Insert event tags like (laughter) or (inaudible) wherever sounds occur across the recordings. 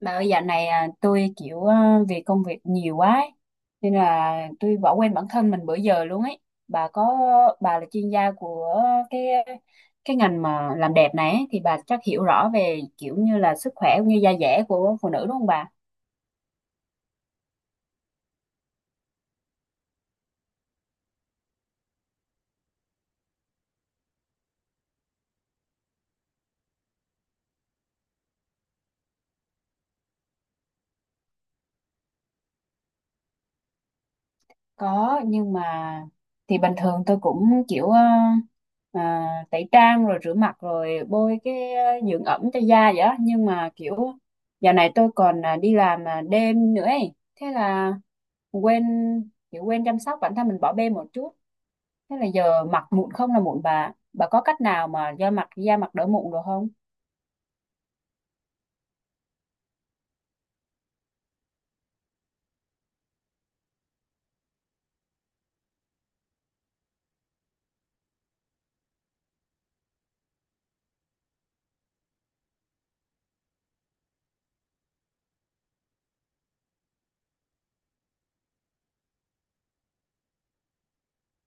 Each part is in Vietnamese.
Bà ơi, dạo này tôi vì công việc nhiều quá ấy, nên là tôi bỏ quên bản thân mình bữa giờ luôn ấy. Bà có bà là chuyên gia của cái cái ngành mà làm đẹp này ấy, thì bà chắc hiểu rõ về kiểu như là sức khỏe cũng như da dẻ của phụ nữ, đúng không bà? Có, nhưng mà thì bình thường tôi cũng tẩy trang rồi rửa mặt rồi bôi dưỡng ẩm cho da vậy đó. Nhưng mà kiểu dạo này tôi còn đi làm đêm nữa ấy. Thế là quên, kiểu quên chăm sóc bản thân mình, bỏ bê một chút, thế là giờ mặt mụn không là mụn. Bà có cách nào mà do mặt, da mặt đỡ mụn được không?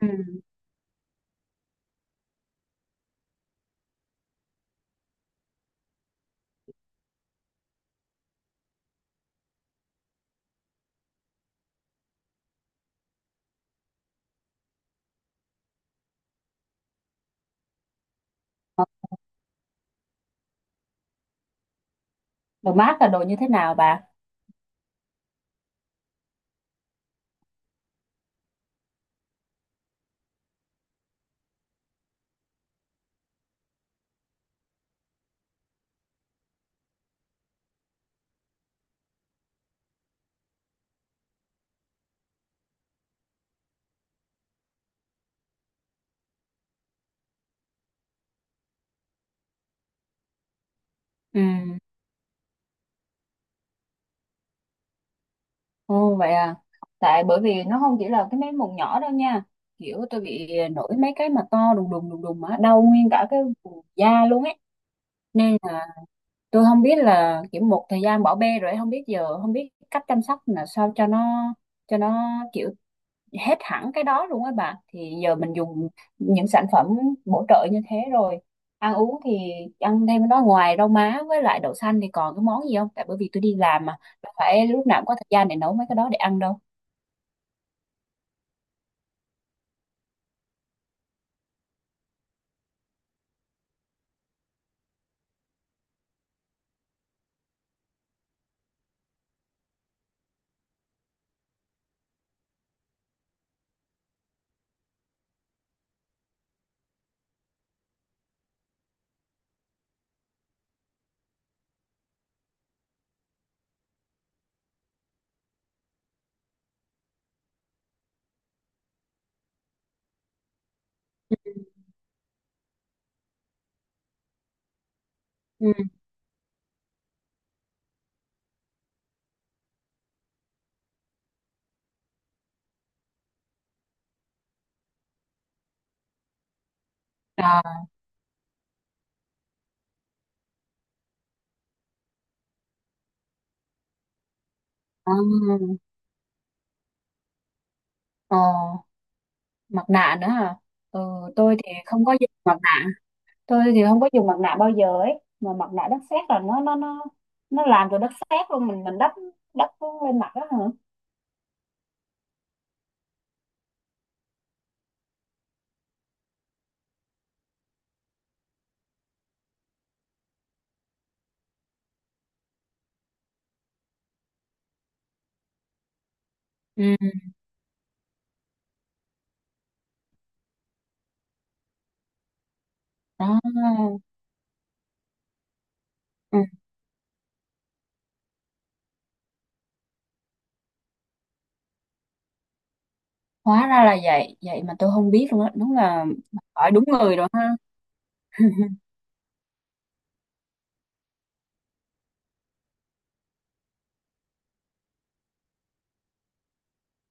Ừ. Đồ mát là đồ như thế nào bà? Ừ. Ồ, vậy à. Tại bởi vì nó không chỉ là cái mấy mụn nhỏ đâu nha. Kiểu tôi bị nổi mấy cái mà to đùng đùng đùng đùng mà đau nguyên cả cái vùng da luôn ấy. Nên là tôi không biết là kiểu một thời gian bỏ bê rồi ấy, không biết giờ, không biết cách chăm sóc là sao cho nó kiểu hết hẳn cái đó luôn á bà. Thì giờ mình dùng những sản phẩm bổ trợ như thế rồi, ăn uống thì ăn thêm nó ngoài rau má với lại đậu xanh thì còn cái món gì không, tại bởi vì tôi đi làm mà, đâu phải lúc nào cũng có thời gian để nấu mấy cái đó để ăn đâu. Ừ. à, à, ờ, Mặt nạ nữa hả? Ừ, tôi thì không có dùng mặt nạ, tôi thì không có dùng mặt nạ bao giờ ấy. Mà mặt nạ đất sét là nó nó làm từ đất sét luôn, mình đắp đắp lên mặt đó hả? Ừ. Đó. Hóa ra là vậy vậy mà tôi không biết luôn á, đúng là hỏi đúng người rồi ha. (laughs)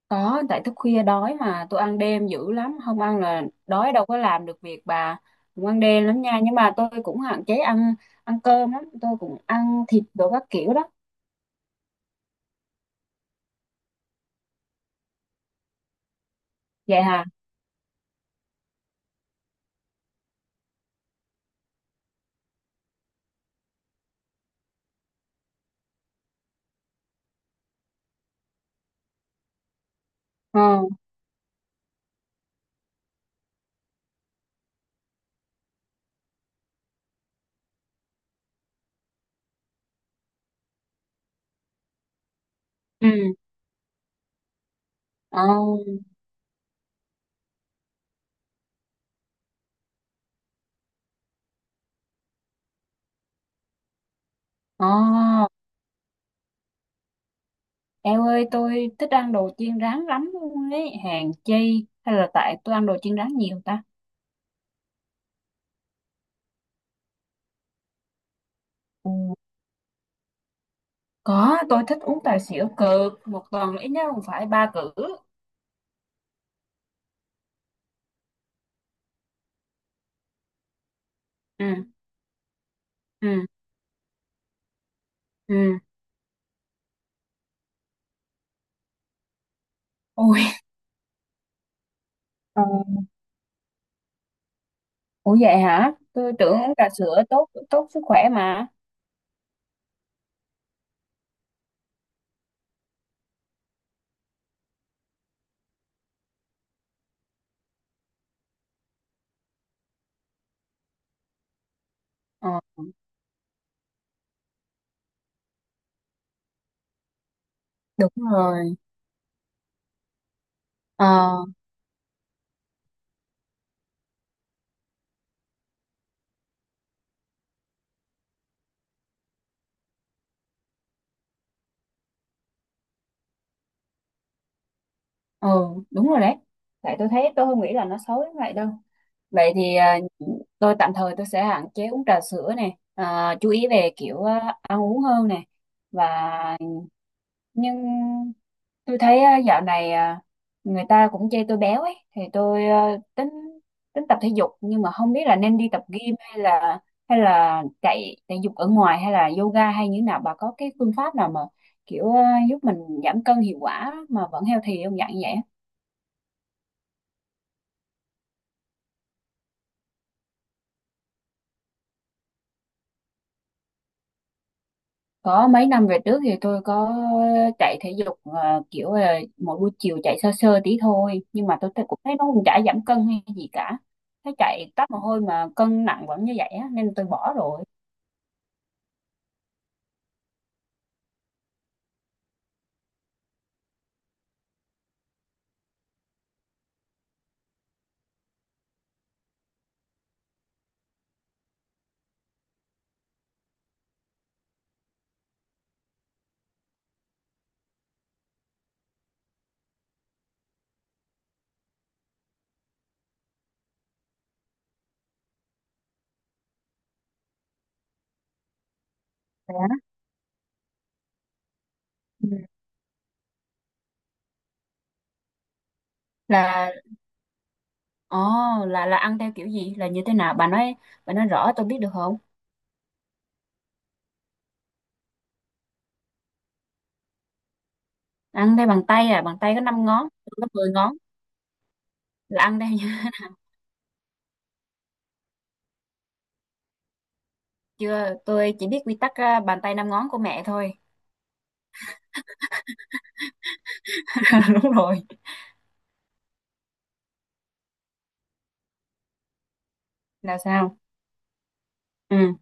Có, tại thức khuya đói mà, tôi ăn đêm dữ lắm, không ăn là đói đâu có làm được việc bà. Cũng ăn đêm lắm nha, nhưng mà tôi cũng hạn chế ăn ăn cơm lắm, tôi cũng ăn thịt đồ các kiểu đó. Vậy hả? ờ ừ ờ ờ Eo ơi, tôi thích ăn đồ chiên rán lắm luôn ấy, hèn chi, hay là tại tôi ăn đồ chiên rán nhiều ta? ừ Có, tôi thích uống trà sữa cực, một tuần ít nhất cũng phải ba cữ. Ừ, ừ, ừ. Ui. ờ, Ủa vậy hả? Tôi tưởng uống trà sữa tốt, tốt sức khỏe mà. Ờ, đúng rồi. Ờ, ờ, đúng rồi đấy. Tại tôi thấy, tôi không nghĩ là nó xấu như vậy đâu. Vậy thì tôi tạm thời tôi sẽ hạn chế uống trà sữa nè, chú ý về ăn uống hơn nè. Và, nhưng tôi thấy dạo này người ta cũng chê tôi béo ấy, thì tôi tính tính tập thể dục, nhưng mà không biết là nên đi tập gym hay là chạy thể dục ở ngoài hay là yoga hay như thế nào. Bà có cái phương pháp nào mà giúp mình giảm cân hiệu quả mà vẫn healthy không dạng vậy? Có, mấy năm về trước thì tôi có chạy thể dục kiểu là mỗi buổi chiều chạy sơ sơ tí thôi, nhưng mà tôi cũng thấy nó cũng chả giảm cân hay gì cả, thấy chạy tắt mồ hôi mà cân nặng vẫn như vậy á, nên tôi bỏ rồi. Ừ. Là, ồ, là ăn theo kiểu gì, là như thế nào bà nói rõ tôi biết được không? Ăn theo bằng tay à? Bàn tay có 5 ngón, tôi có 10 ngón, là ăn theo nha? (laughs) Chưa, tôi chỉ biết quy tắc bàn tay 5 ngón của mẹ thôi. (laughs) Đúng rồi. Là sao? Ừ.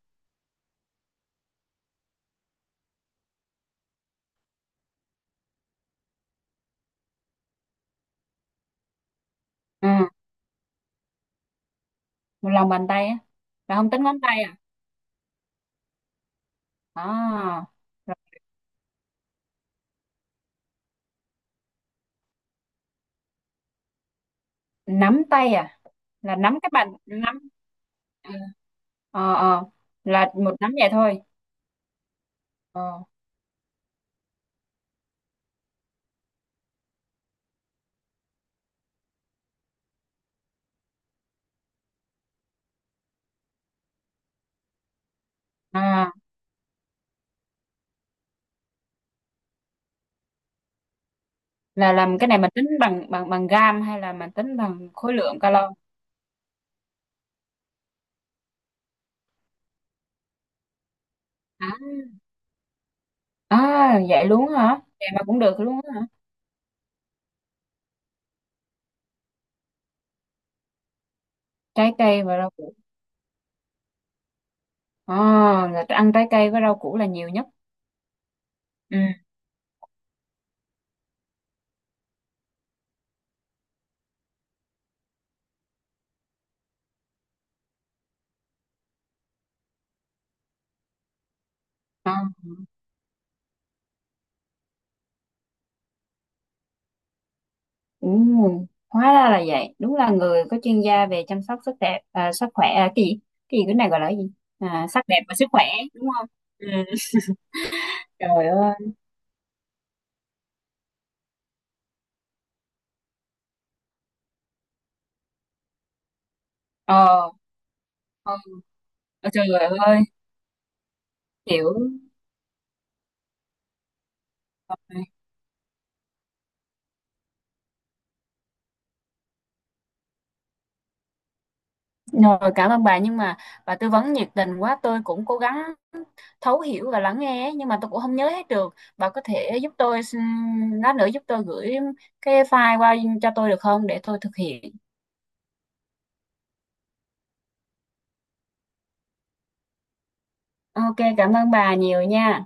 Ừ. Một lòng bàn tay á? Là không tính ngón tay à? À. Là nắm tay à? Là nắm, các bạn nắm? à, ờ ờ, là một nắm vậy thôi? ờ À, là làm cái này mình tính bằng, bằng gam hay là mình tính bằng khối lượng calo? À, à, vậy luôn hả? Vậy mà cũng được luôn hả? Trái cây và rau củ? À, là ăn trái cây với rau củ là nhiều nhất? ừ à, ừ. Hóa ra là vậy, đúng là người có chuyên gia về chăm sóc sức đẹp, sức khỏe, cái gì, cái này gọi là cái gì? Sắc đẹp và sức khỏe, đúng không? Ừ. Trời ơi. Ờ, không, ờ, trời ơi, hiểu. Rồi, cảm ơn bà, nhưng mà bà tư vấn nhiệt tình quá, tôi cũng cố gắng thấu hiểu và lắng nghe ấy, nhưng mà tôi cũng không nhớ hết được. Bà có thể giúp tôi lát nữa giúp tôi gửi cái file qua cho tôi được không, để tôi thực hiện. Ok, cảm ơn bà nhiều nha.